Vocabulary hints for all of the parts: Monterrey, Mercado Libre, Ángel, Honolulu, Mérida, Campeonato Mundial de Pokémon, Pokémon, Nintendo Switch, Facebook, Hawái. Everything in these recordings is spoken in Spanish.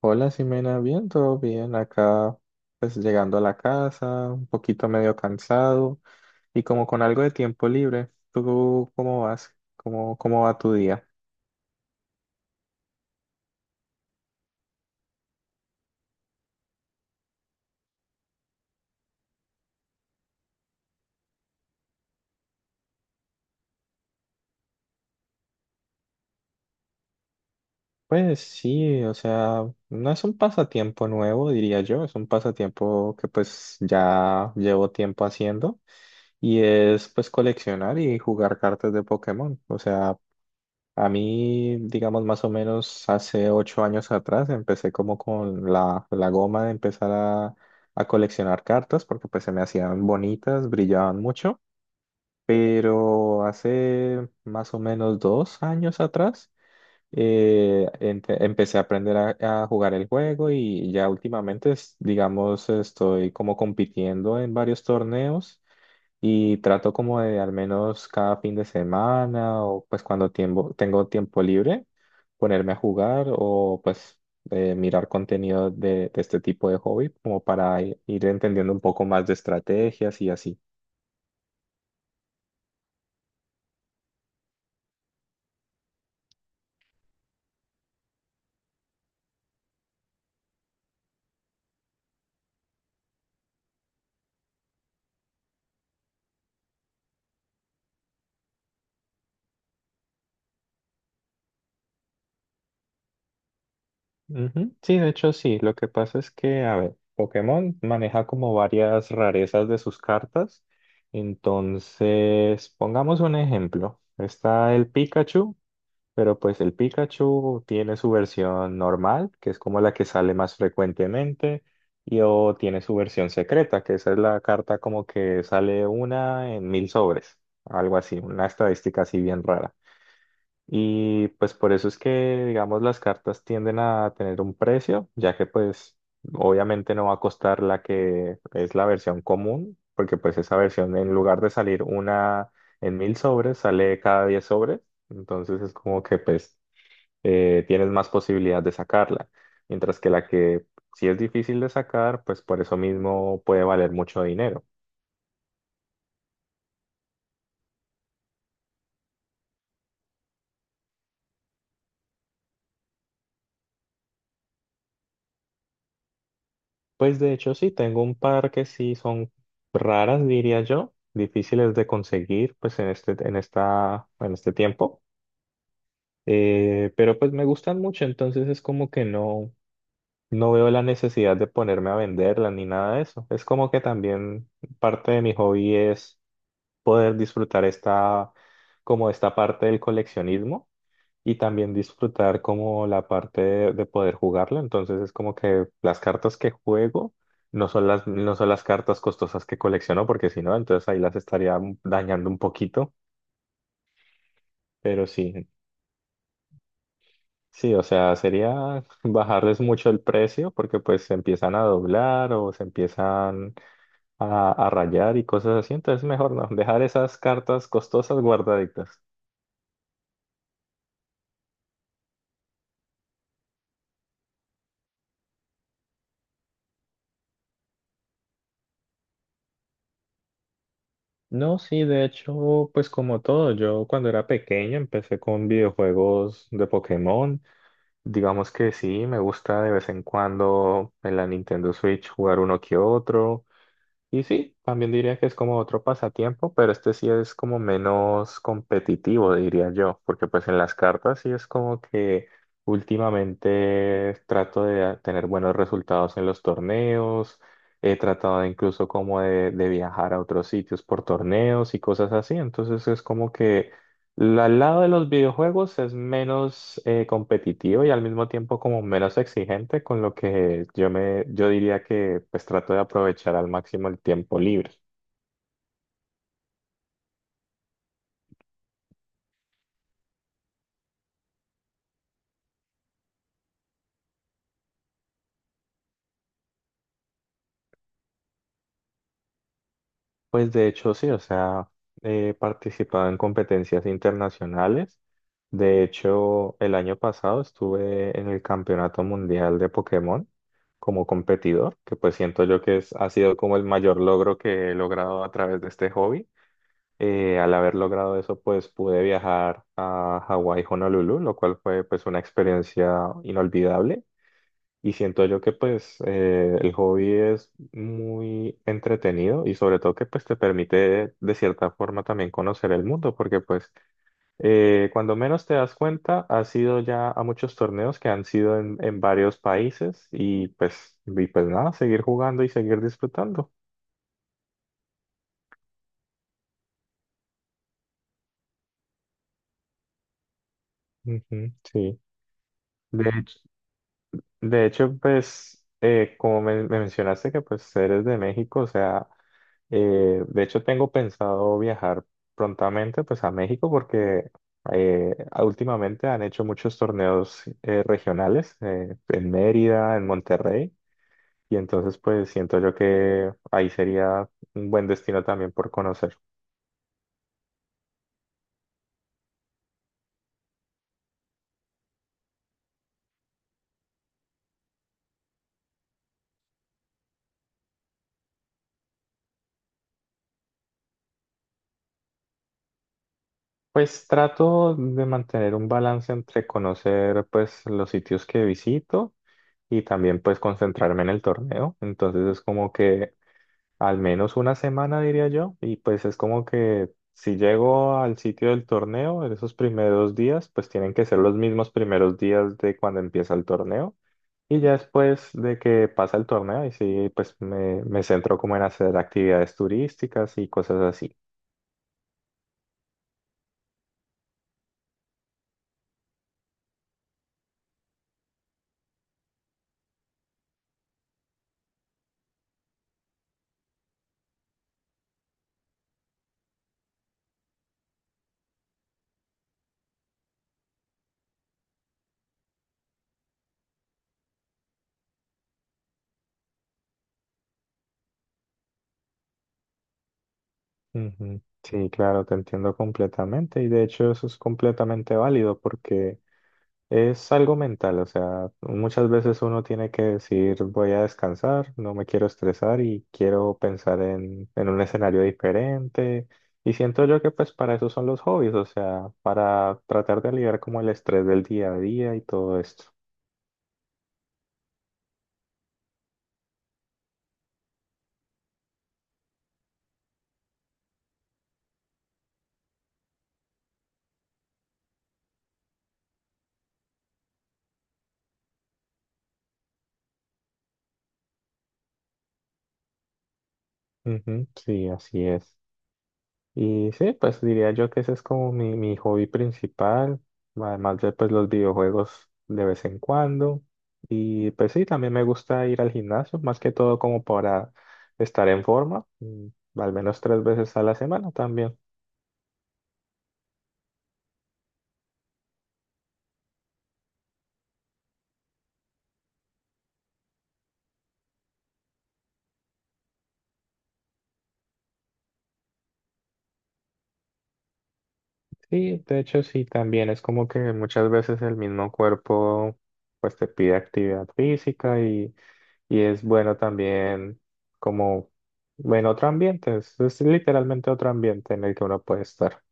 Hola, Ximena, bien, todo bien. Acá, pues llegando a la casa, un poquito medio cansado y como con algo de tiempo libre. ¿Tú cómo vas? ¿Cómo va tu día? Pues sí, o sea, no es un pasatiempo nuevo, diría yo, es un pasatiempo que pues ya llevo tiempo haciendo y es pues coleccionar y jugar cartas de Pokémon. O sea, a mí, digamos, más o menos hace 8 años atrás empecé como con la goma de empezar a coleccionar cartas porque pues se me hacían bonitas, brillaban mucho, pero hace más o menos 2 años atrás empecé a aprender a jugar el juego y ya últimamente, digamos, estoy como compitiendo en varios torneos y trato como de al menos cada fin de semana o pues tengo tiempo libre ponerme a jugar o mirar contenido de este tipo de hobby como para ir entendiendo un poco más de estrategias y así. Ujú. Sí, de hecho sí. Lo que pasa es que, a ver, Pokémon maneja como varias rarezas de sus cartas. Entonces, pongamos un ejemplo. Está el Pikachu, pero pues el Pikachu tiene su versión normal, que es como la que sale más frecuentemente, y o tiene su versión secreta, que esa es la carta como que sale 1 en 1000 sobres, algo así, una estadística así bien rara. Y pues por eso es que, digamos, las cartas tienden a tener un precio, ya que pues obviamente no va a costar la que es la versión común, porque pues esa versión en lugar de salir 1 en 1000 sobres, sale cada 10 sobres, entonces es como que tienes más posibilidad de sacarla, mientras que la que sí es difícil de sacar, pues por eso mismo puede valer mucho dinero. Pues de hecho sí, tengo un par que sí son raras, diría yo, difíciles de conseguir pues en este tiempo. Pero pues me gustan mucho, entonces es como que no, no veo la necesidad de ponerme a venderlas ni nada de eso. Es como que también parte de mi hobby es poder disfrutar como esta parte del coleccionismo y también disfrutar como la parte de poder jugarlo. Entonces es como que las cartas que juego no son las cartas costosas que colecciono, porque si no, entonces ahí las estaría dañando un poquito. Pero sí, sí, o sea, sería bajarles mucho el precio porque pues se empiezan a doblar o se empiezan a rayar y cosas así. Entonces mejor no, dejar esas cartas costosas guardaditas. No, sí, de hecho, pues como todo, yo cuando era pequeño empecé con videojuegos de Pokémon. Digamos que sí, me gusta de vez en cuando en la Nintendo Switch jugar uno que otro. Y sí, también diría que es como otro pasatiempo, pero este sí es como menos competitivo, diría yo, porque pues en las cartas sí es como que últimamente trato de tener buenos resultados en los torneos, he tratado incluso como de viajar a otros sitios por torneos y cosas así, entonces es como que al lado de los videojuegos es menos competitivo y al mismo tiempo como menos exigente, con lo que yo diría que pues trato de aprovechar al máximo el tiempo libre. Pues de hecho sí, o sea, he participado en competencias internacionales. De hecho, el año pasado estuve en el Campeonato Mundial de Pokémon como competidor, que pues siento yo que ha sido como el mayor logro que he logrado a través de este hobby. Al haber logrado eso, pues pude viajar a Hawái, Honolulu, lo cual fue pues una experiencia inolvidable. Y siento yo que el hobby es muy entretenido y sobre todo que pues te permite de cierta forma también conocer el mundo, porque cuando menos te das cuenta, has ido ya a muchos torneos que han sido en varios países y pues nada, seguir jugando y seguir disfrutando. Ujú, sí. De hecho. De hecho, pues, como me mencionaste que pues eres de México, o sea, de hecho tengo pensado viajar prontamente pues a México porque últimamente han hecho muchos torneos regionales en Mérida, en Monterrey, y entonces pues siento yo que ahí sería un buen destino también por conocer. Pues trato de mantener un balance entre conocer pues los sitios que visito y también pues concentrarme en el torneo. Entonces es como que al menos una semana diría yo y pues es como que si llego al sitio del torneo en esos primeros días pues tienen que ser los mismos primeros días de cuando empieza el torneo y ya después de que pasa el torneo y sí pues me centro como en hacer actividades turísticas y cosas así. Ujú. Sí, claro, te entiendo completamente y de hecho eso es completamente válido porque es algo mental, o sea, muchas veces uno tiene que decir voy a descansar, no me quiero estresar y quiero pensar en un escenario diferente. Y siento yo que pues para eso son los hobbies, o sea, para tratar de aliviar como el estrés del día a día y todo esto. Ujú, sí, así es. Y sí, pues diría yo que ese es como mi hobby principal, además de pues los videojuegos de vez en cuando. Y pues sí, también me gusta ir al gimnasio, más que todo como para estar en forma, mm, al menos 3 veces a la semana también. Sí, de hecho sí, también es como que muchas veces el mismo cuerpo pues te pide actividad física y es bueno también como, bueno, otro ambiente, es literalmente otro ambiente en el que uno puede estar.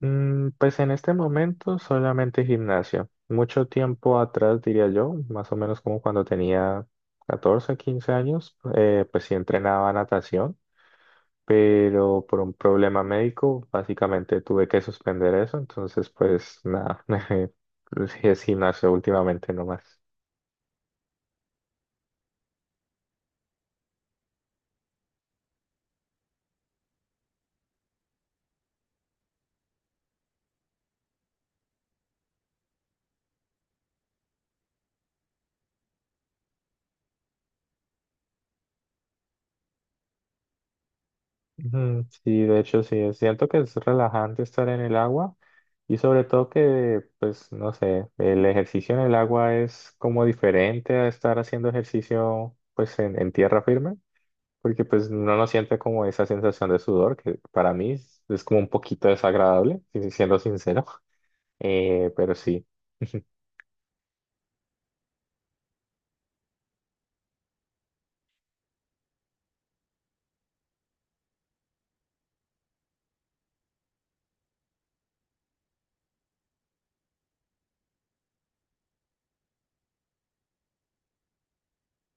Mm, pues en este momento solamente gimnasio. Mucho tiempo atrás, diría yo, más o menos como cuando tenía 14 15 años, pues sí entrenaba natación, pero por un problema médico básicamente tuve que suspender eso, entonces pues nada, sí es gimnasio últimamente nomás. Ujú, sí, de hecho sí, es cierto que es relajante estar en el agua y sobre todo que, pues, no sé, el ejercicio en el agua es como diferente a estar haciendo ejercicio, pues, en tierra firme, porque pues uno no siente como esa sensación de sudor, que para mí es como un poquito desagradable, si siendo sincero, eh, pero sí.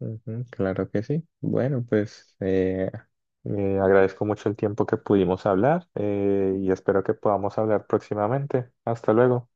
Ujú, claro que sí. Bueno, agradezco mucho el tiempo que pudimos hablar y espero que podamos hablar próximamente. Hasta luego.